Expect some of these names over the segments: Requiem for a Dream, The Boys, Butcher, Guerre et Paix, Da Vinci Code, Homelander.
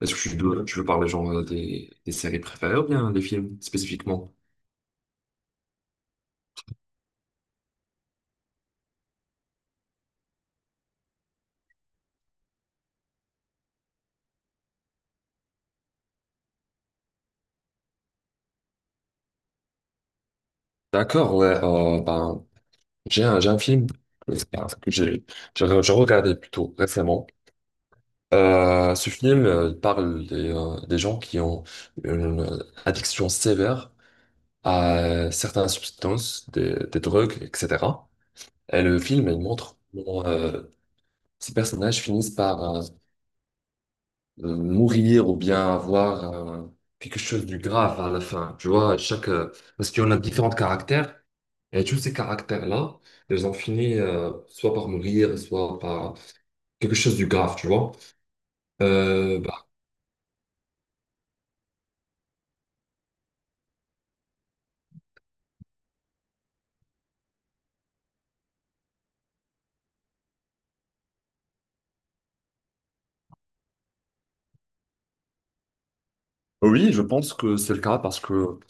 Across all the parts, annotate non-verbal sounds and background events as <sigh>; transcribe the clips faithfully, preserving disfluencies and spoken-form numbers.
Est-ce que tu veux, tu veux parler genre des, des séries préférées ou bien des films spécifiquement? D'accord, ouais, euh, ben, j'ai un, j'ai un film que j'ai j'ai re- j'ai regardé plutôt récemment. Euh, ce film euh, il parle des, euh, des gens qui ont une euh, addiction sévère à euh, certaines substances, des, des drogues, et cetera. Et le film, il montre comment euh, ces personnages finissent par euh, euh, mourir ou bien avoir euh, quelque chose de grave à la fin. Tu vois, chaque, euh, parce qu'on a différents caractères et tous ces caractères-là, ils ont fini euh, soit par mourir, soit par quelque chose de grave, tu vois. Euh, bah, oui, je pense que c'est le cas parce que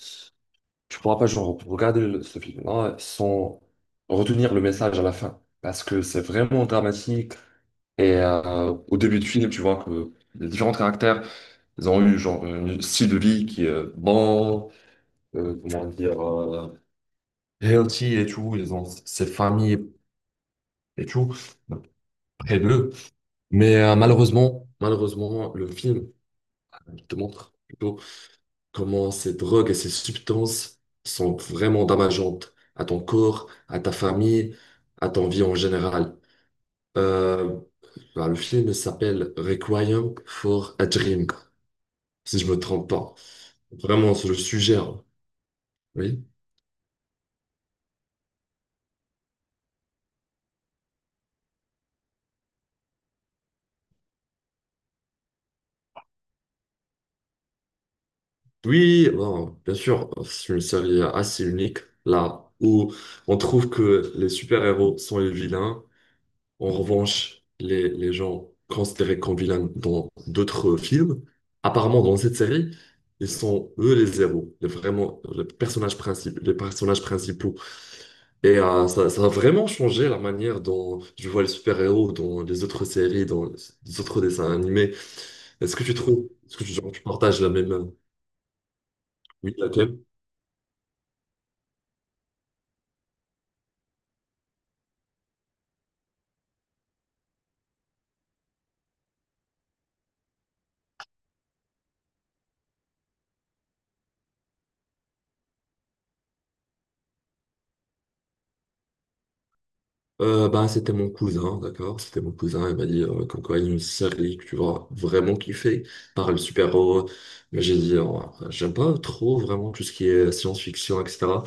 tu pourras pas genre, regarder le- ce film-là sans retenir le message à la fin parce que c'est vraiment dramatique. Et euh, au début du film, tu vois que les différents caractères. Ils ont eu genre un style de vie qui est euh, bon, euh, comment dire, euh, healthy et tout. Ils ont ces familles et tout près d'eux. Mais euh, malheureusement, malheureusement, le film te montre plutôt comment ces drogues et ces substances sont vraiment dommageantes à ton corps, à ta famille, à ton vie en général. Euh, bah, le film s'appelle Requiem for a Dream, si je me trompe pas. Vraiment, c'est le sujet, hein. Oui. Oui, bon, bien sûr, c'est une série assez unique, là où on trouve que les super-héros sont les vilains. En revanche, les, les gens considérés comme vilains dans d'autres films, apparemment dans cette série, ils sont eux les héros, les, vraiment les personnages principaux, les personnages principaux. Et euh, ça, ça a vraiment changé la manière dont je vois les super-héros dans les autres séries, dans les autres dessins animés. Est-ce que tu trouves, est-ce que tu, tu partages la même... euh, Oui, laquelle? Euh, bah, c'était mon cousin, d'accord? C'était mon cousin, il m'a dit euh, comme quoi il y a une série que tu vas vraiment kiffer, par le super-héros. Mais j'ai dit, euh, j'aime pas trop vraiment tout ce qui est science-fiction, et cetera.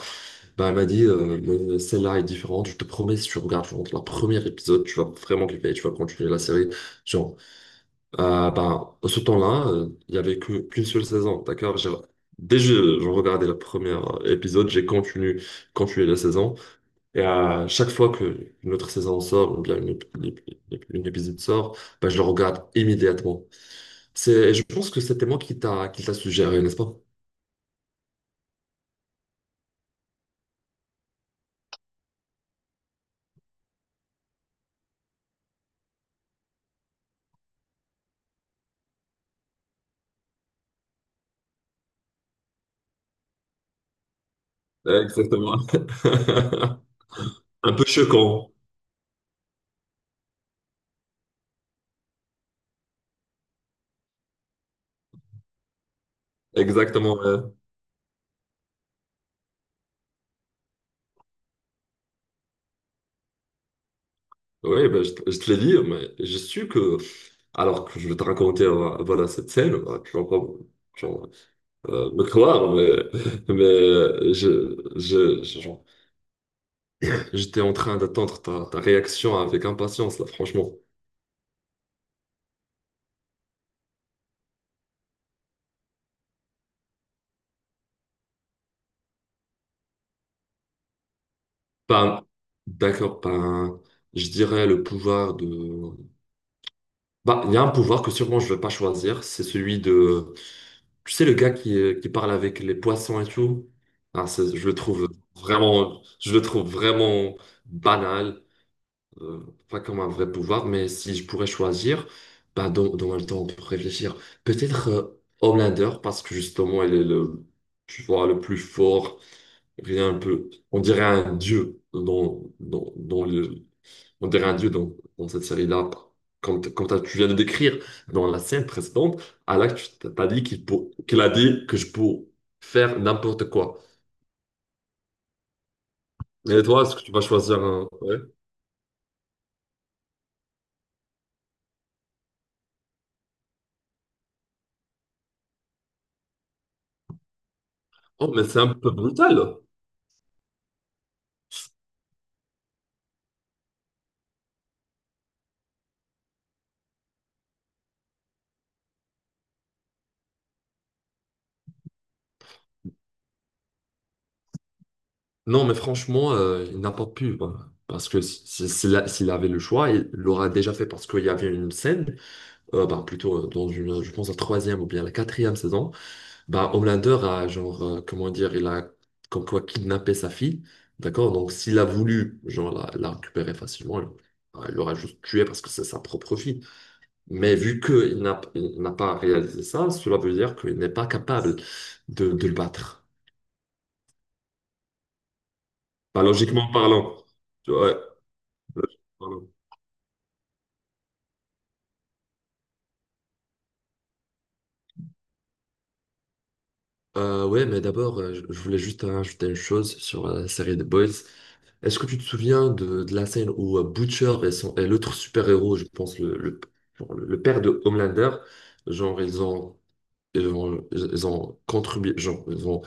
Bah, il m'a dit, euh, mais celle-là est différente, je te promets, si tu regardes genre, le premier épisode, tu vas vraiment kiffer, tu vas continuer la série. Genre, euh, bah, Ce temps-là, euh, il y avait que- qu'une seule saison, d'accord? J'ai- Dès que j'ai regardé le premier épisode, j'ai continué, continué la saison. Et à chaque fois que une autre saison sort ou bien une, ép- l'ép- l'ép- une épisode sort, ben, je le regarde immédiatement. C'est, je pense que c'était moi qui t'a qui t'a suggéré, n'est-ce pas? Exactement. <laughs> Un peu choquant. Exactement. Oui, ben, je, te je te l'ai dit, mais j'ai su que, alors que je vais te raconter euh, voilà, cette scène, euh, tu vas pas genre, euh, me croire, mais, mais euh, je, je, je- genre, j'étais en train d'attendre ta, ta réaction avec impatience, là, franchement. Pas, d'accord, pas un- Je dirais le pouvoir de... Bah, il y a un pouvoir que sûrement je ne vais pas choisir, c'est celui de... Tu sais, le gars qui, euh, qui parle avec les poissons et tout. Ah, c'est- je le trouve vraiment, je le trouve vraiment banal, euh, pas comme un vrai pouvoir, mais si je pourrais choisir, bah, dans, dans le temps pour réfléchir, peut-être euh, Homelander, parce que justement, il est le, tu vois, le plus fort, rien un peu... On dirait un dieu dans, dans, dans le on dirait un dieu dans, dans cette série-là. Comme, t- comme t'as- tu viens de décrire dans la scène précédente, Alak, tu t- t'as dit qu'il pour- qu'il a dit que je peux faire n'importe quoi. Et toi, est-ce que tu vas choisir un... ouais. Oh, mais c'est un peu brutal. Non, mais franchement, euh, il n'a pas pu, voilà. Parce que si- si- s'il a- s'il avait le choix, il l'aurait déjà fait parce qu'il y avait une scène, euh, bah, plutôt euh, dans une, je pense, la troisième ou bien la quatrième saison. Bah, Homelander a, genre, euh, comment dire, il a comme quoi kidnappé sa fille, d'accord? Donc, s'il a voulu, genre, la, la récupérer facilement, il bah, il l'aura juste tué parce que c'est sa propre fille. Mais vu qu'il n'a, il n'a pas réalisé ça, cela veut dire qu'il n'est pas capable de, de le battre. Bah, logiquement parlant. Ouais, logiquement parlant. Euh, ouais, mais d'abord, euh, je je voulais juste ajouter une chose sur la série The Boys. Est-ce que tu te souviens de, de la scène où euh, Butcher et, son- et l'autre super-héros, je pense le, le, genre le- le père de Homelander, genre ils ont ils ont, ils ont contribué, genre ils ont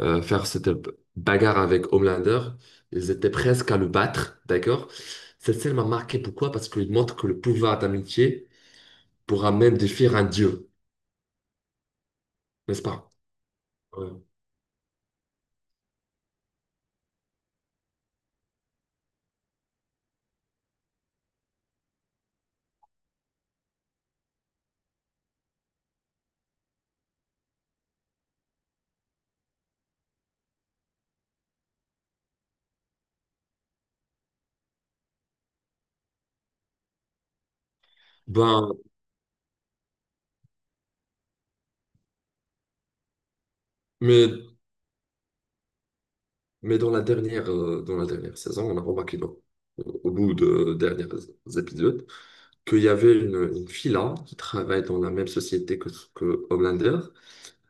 euh, faire cette bagarre avec Homelander, ils étaient presque à le battre, d'accord? Cette scène m'a marqué, pourquoi? Parce qu'il montre que le pouvoir d'amitié pourra même défier un dieu, n'est-ce pas? Ouais. Ben, mais, mais dans la dernière, euh, dans la dernière saison, on a remarqué non, au bout de derniers épisodes, qu'il y avait une, une fille là qui travaille dans la même société que, que Homelander.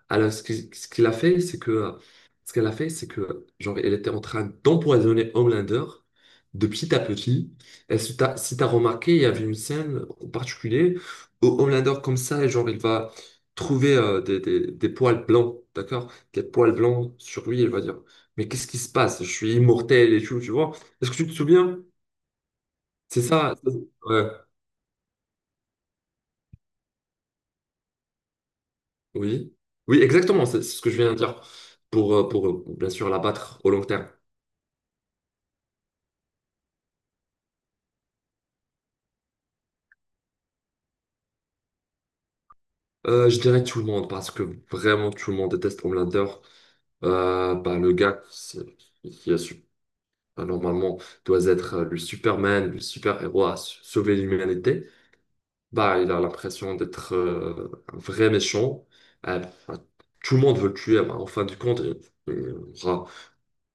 Alors, ce qui- ce qu'il a fait, c'est que, ce qu'elle a fait, c'est que, genre, elle était en train d'empoisonner Homelander de petit à petit. Et si t'as, si t'as remarqué, il y avait une scène en particulier où Homelander, comme ça, genre, il va trouver euh, des, des, des poils blancs, d'accord? Des poils blancs sur lui, il va dire, mais qu'est-ce qui se passe? Je suis immortel et tout, tu vois? Est-ce que tu te souviens? C'est ça, ouais. Oui, oui, exactement, c'est c'est ce que je viens de dire pour, euh, pour, euh, bien sûr l'abattre au long terme. Euh, je dirais tout le monde parce que vraiment tout le monde déteste Homelander. Euh, bah, le gars c'est- qui a su- bah, normalement doit être euh, le Superman, le super-héros à s- sauver l'humanité, bah, il a l'impression d'être euh, un vrai méchant. Euh, bah, Tout le monde veut le tuer, bah, en fin du compte, il, il aura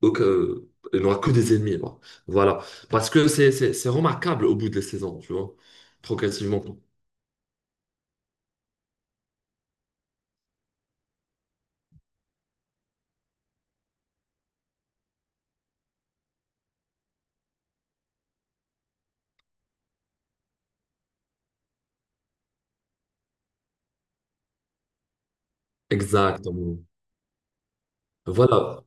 aucun- il n'aura que des ennemis, quoi. Voilà. Parce que c'est c'est- c'est remarquable au bout des saisons, tu vois. Progressivement. Exactement. Voilà.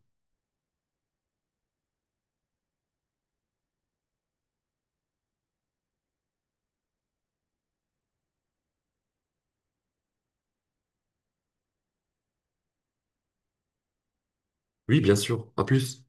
Oui, bien sûr. À plus.